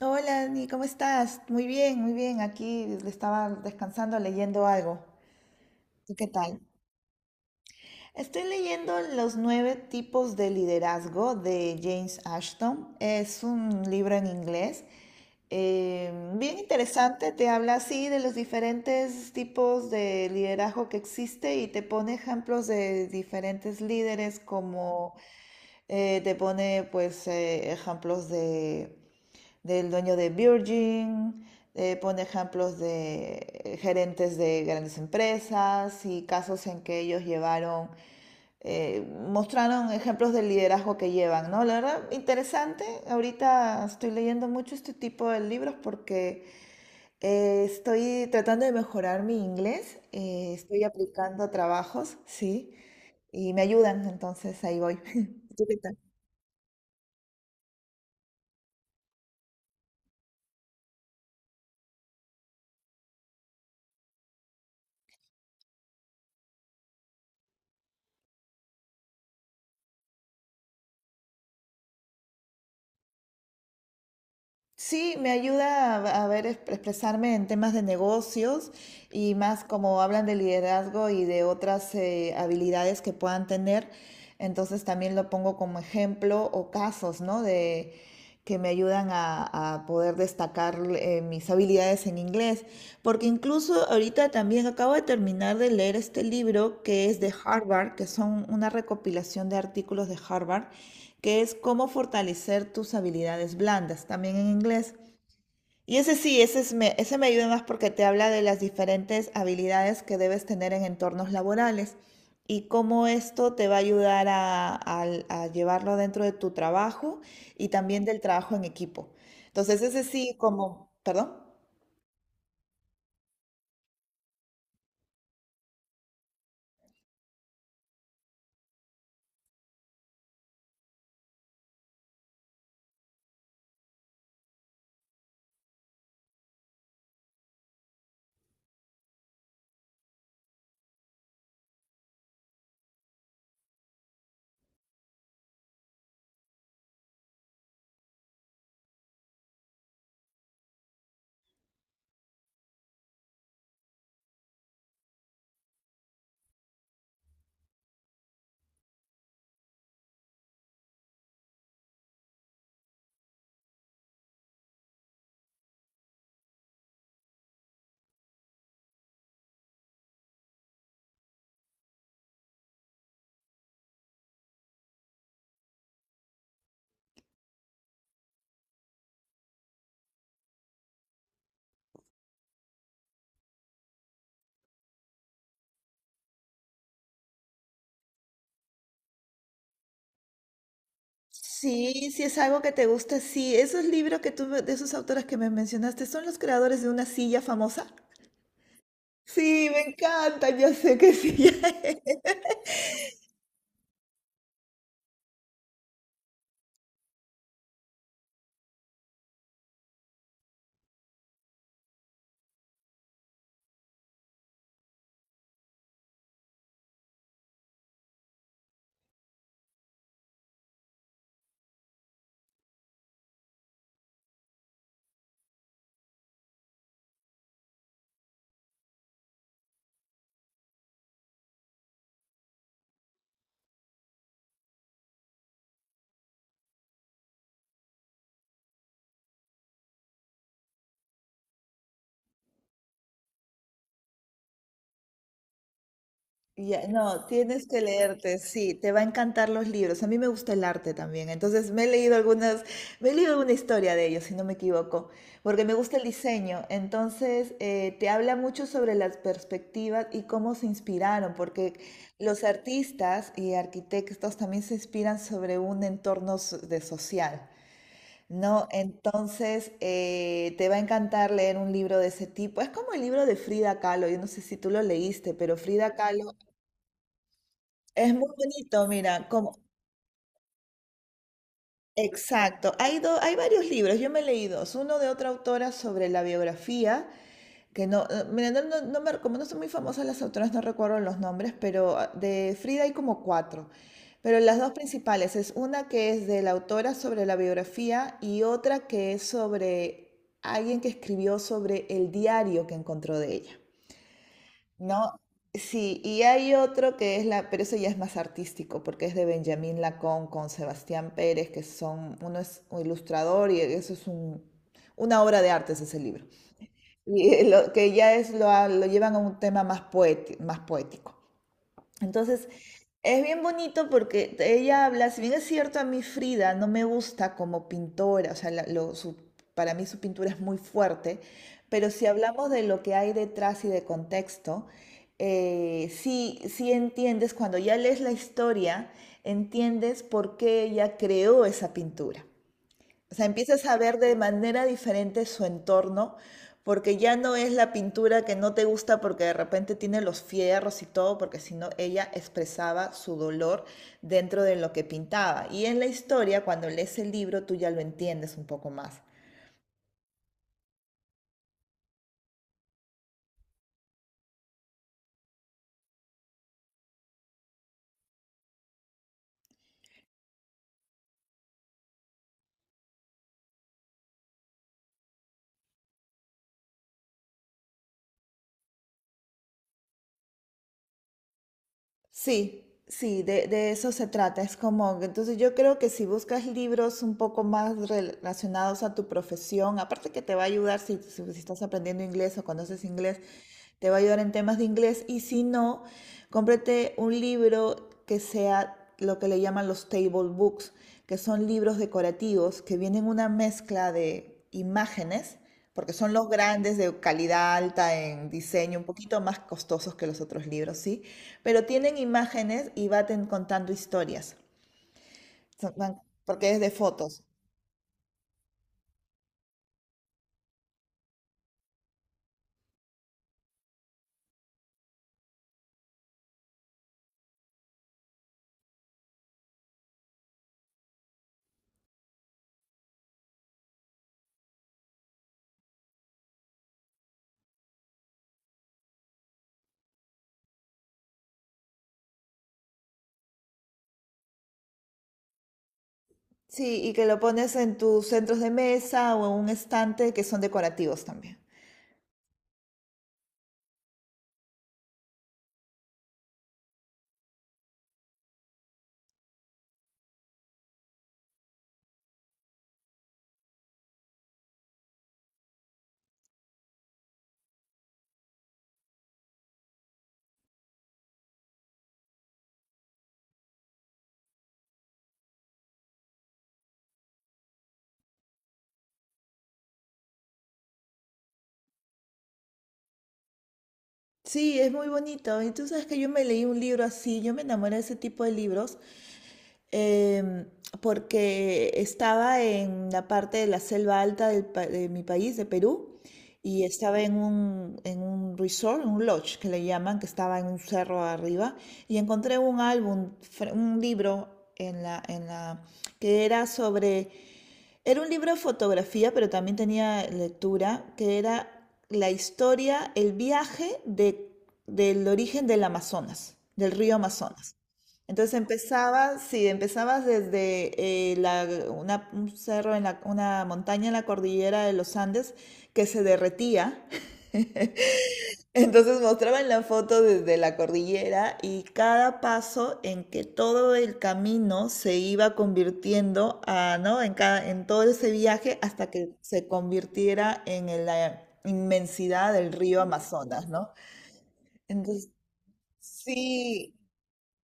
Hola, Dani, ¿cómo estás? Muy bien, muy bien. Aquí estaba descansando leyendo algo. ¿Tú qué tal? Estoy leyendo Los nueve tipos de liderazgo de James Ashton. Es un libro en inglés. eh, Bien interesante, te habla así de los diferentes tipos de liderazgo que existe y te pone ejemplos de diferentes líderes como te pone pues ejemplos de del dueño de Virgin, pone ejemplos de gerentes de grandes empresas y casos en que ellos llevaron, eh, mostraron ejemplos del liderazgo que llevan, ¿no? La verdad, interesante. Ahorita estoy leyendo mucho este tipo de libros porque estoy tratando de mejorar mi inglés, estoy aplicando trabajos, sí, y me ayudan, entonces ahí voy. ¿Tú qué tal? Sí, me ayuda a ver expresarme en temas de negocios y más como hablan de liderazgo y de otras habilidades que puedan tener. Entonces también lo pongo como ejemplo o casos, ¿no? De que me ayudan a poder destacar mis habilidades en inglés. Porque incluso ahorita también acabo de terminar de leer este libro que es de Harvard, que son una recopilación de artículos de Harvard que es cómo fortalecer tus habilidades blandas, también en inglés. Y ese sí, ese, es me, ese me ayuda más porque te habla de las diferentes habilidades que debes tener en entornos laborales y cómo esto te va a ayudar a llevarlo dentro de tu trabajo y también del trabajo en equipo. Entonces, ese sí, como, perdón. Sí, si es algo que te gusta, sí. Esos libros que tú, de esos autores que me mencionaste, ¿son los creadores de una silla famosa? Sí, me encanta, ya sé que sí. Ya es. Ya, no, tienes que leerte, sí, te va a encantar los libros. A mí me gusta el arte también, entonces me he leído algunas, me he leído alguna historia de ellos, si no me equivoco, porque me gusta el diseño. Entonces, te habla mucho sobre las perspectivas y cómo se inspiraron, porque los artistas y arquitectos también se inspiran sobre un entorno de social. No, entonces te va a encantar leer un libro de ese tipo. Es como el libro de Frida Kahlo. Yo no sé si tú lo leíste, pero Frida Kahlo es muy bonito, mira, como exacto. Hay hay varios libros. Yo me leí dos. Uno de otra autora sobre la biografía. Que no, mira, no, no, como no son muy famosas las autoras, no recuerdo los nombres, pero ah, de Frida hay como cuatro. Pero las dos principales es una que es de la autora sobre la biografía y otra que es sobre alguien que escribió sobre el diario que encontró de ella. No, sí, y hay otro que es la, pero eso ya es más artístico, porque es de Benjamín Lacón con Sebastián Pérez, que son, uno es un ilustrador y eso es un, una obra de arte, es ese libro. Y lo que ya es lo, lo llevan a un tema más poético. Entonces, es bien bonito porque ella habla, si bien es cierto, a mí Frida no me gusta como pintora, o sea, para mí su pintura es muy fuerte, pero si hablamos de lo que hay detrás y de contexto, sí, sí entiendes, cuando ya lees la historia, entiendes por qué ella creó esa pintura. O sea, empiezas a ver de manera diferente su entorno, porque ya no es la pintura que no te gusta porque de repente tiene los fierros y todo, porque sino ella expresaba su dolor dentro de lo que pintaba. Y en la historia, cuando lees el libro, tú ya lo entiendes un poco más. Sí, sí, de eso se trata. Es como, que- entonces yo creo que si buscas libros un poco más relacionados a tu profesión, aparte que te va a ayudar si, si estás aprendiendo inglés o conoces inglés, te va a ayudar en temas de inglés. Y si no, cómprate un libro que sea lo que le llaman los table books, que son libros decorativos que vienen una mezcla de imágenes. Porque son los grandes de calidad alta en diseño, un poquito más costosos que los otros libros, sí, pero tienen imágenes y va contando historias. Son- van- porque es de fotos. Sí, y que lo pones en tus centros de mesa o en un estante que son decorativos también. Sí, es muy bonito. Y tú sabes que yo me leí un libro así, yo me enamoré de ese tipo de libros em, porque estaba en la parte de la selva alta de mi país, de Perú, y estaba en un resort, un lodge que le llaman, que estaba en un cerro arriba, y encontré un álbum, un libro en la, que era sobre, era un libro de fotografía, pero también tenía lectura, que era la historia, el viaje de, del origen del Amazonas, del río Amazonas. Entonces empezabas, sí, empezabas desde una, un cerro en la, una montaña en la cordillera de los Andes que se derretía. Entonces mostraban la foto desde la cordillera y cada paso en que todo el camino se iba convirtiendo a, ¿no? En cada, en todo ese viaje hasta que se convirtiera en la inmensidad del río Amazonas, ¿no? Entonces, sí,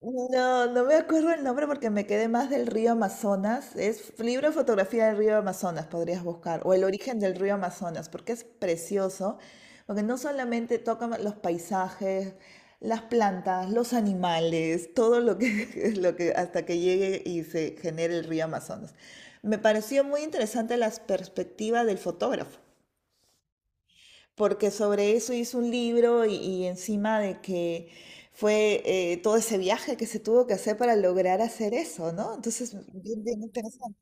no, no me acuerdo el nombre porque me quedé más del río Amazonas. Es libro de fotografía del río Amazonas, podrías buscar, o el origen del río Amazonas, porque es precioso, porque no solamente toca los paisajes, las plantas, los animales, todo lo que, lo que hasta que llegue y se genere el río Amazonas. Me pareció muy interesante las perspectivas del fotógrafo porque sobre eso hizo un libro y encima de que fue todo ese viaje que se tuvo que hacer para lograr hacer eso, ¿no? Entonces, bien, bien interesante.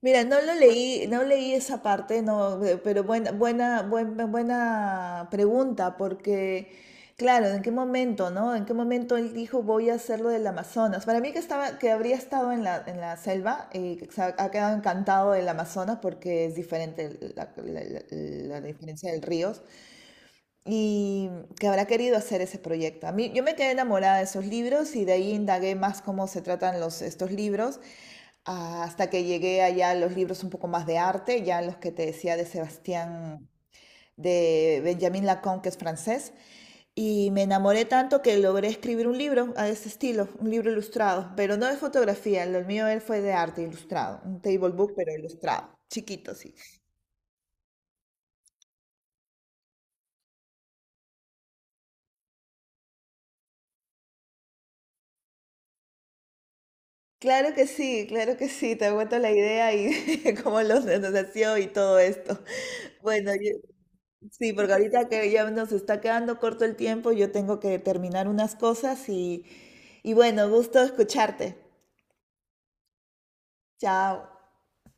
Mira, no lo leí, no leí esa parte, no, pero buena, buena, buena, buena pregunta, porque, claro, ¿en qué momento, no? ¿En qué momento él dijo voy a hacer lo del Amazonas? Para mí que estaba, que habría estado en la selva, que se ha, ha quedado encantado del Amazonas porque es diferente la, la diferencia del río y que habrá querido hacer ese proyecto. A mí, yo me quedé enamorada de esos libros y de ahí indagué más cómo se tratan los, estos libros ah, hasta que llegué allá a los libros un poco más de arte, ya los que te decía de Sebastián, de Benjamin Lacan, que es francés, y me enamoré tanto que logré escribir un libro a ese estilo, un libro ilustrado, pero no de fotografía, lo mío él fue de arte ilustrado, un table book, pero ilustrado, chiquito, sí. Claro que sí, claro que sí, te aguanto la idea y cómo los nos nació y todo esto. Bueno, yo- sí, porque ahorita que ya nos está quedando corto el tiempo, yo tengo que terminar unas cosas y bueno, gusto escucharte. Chao.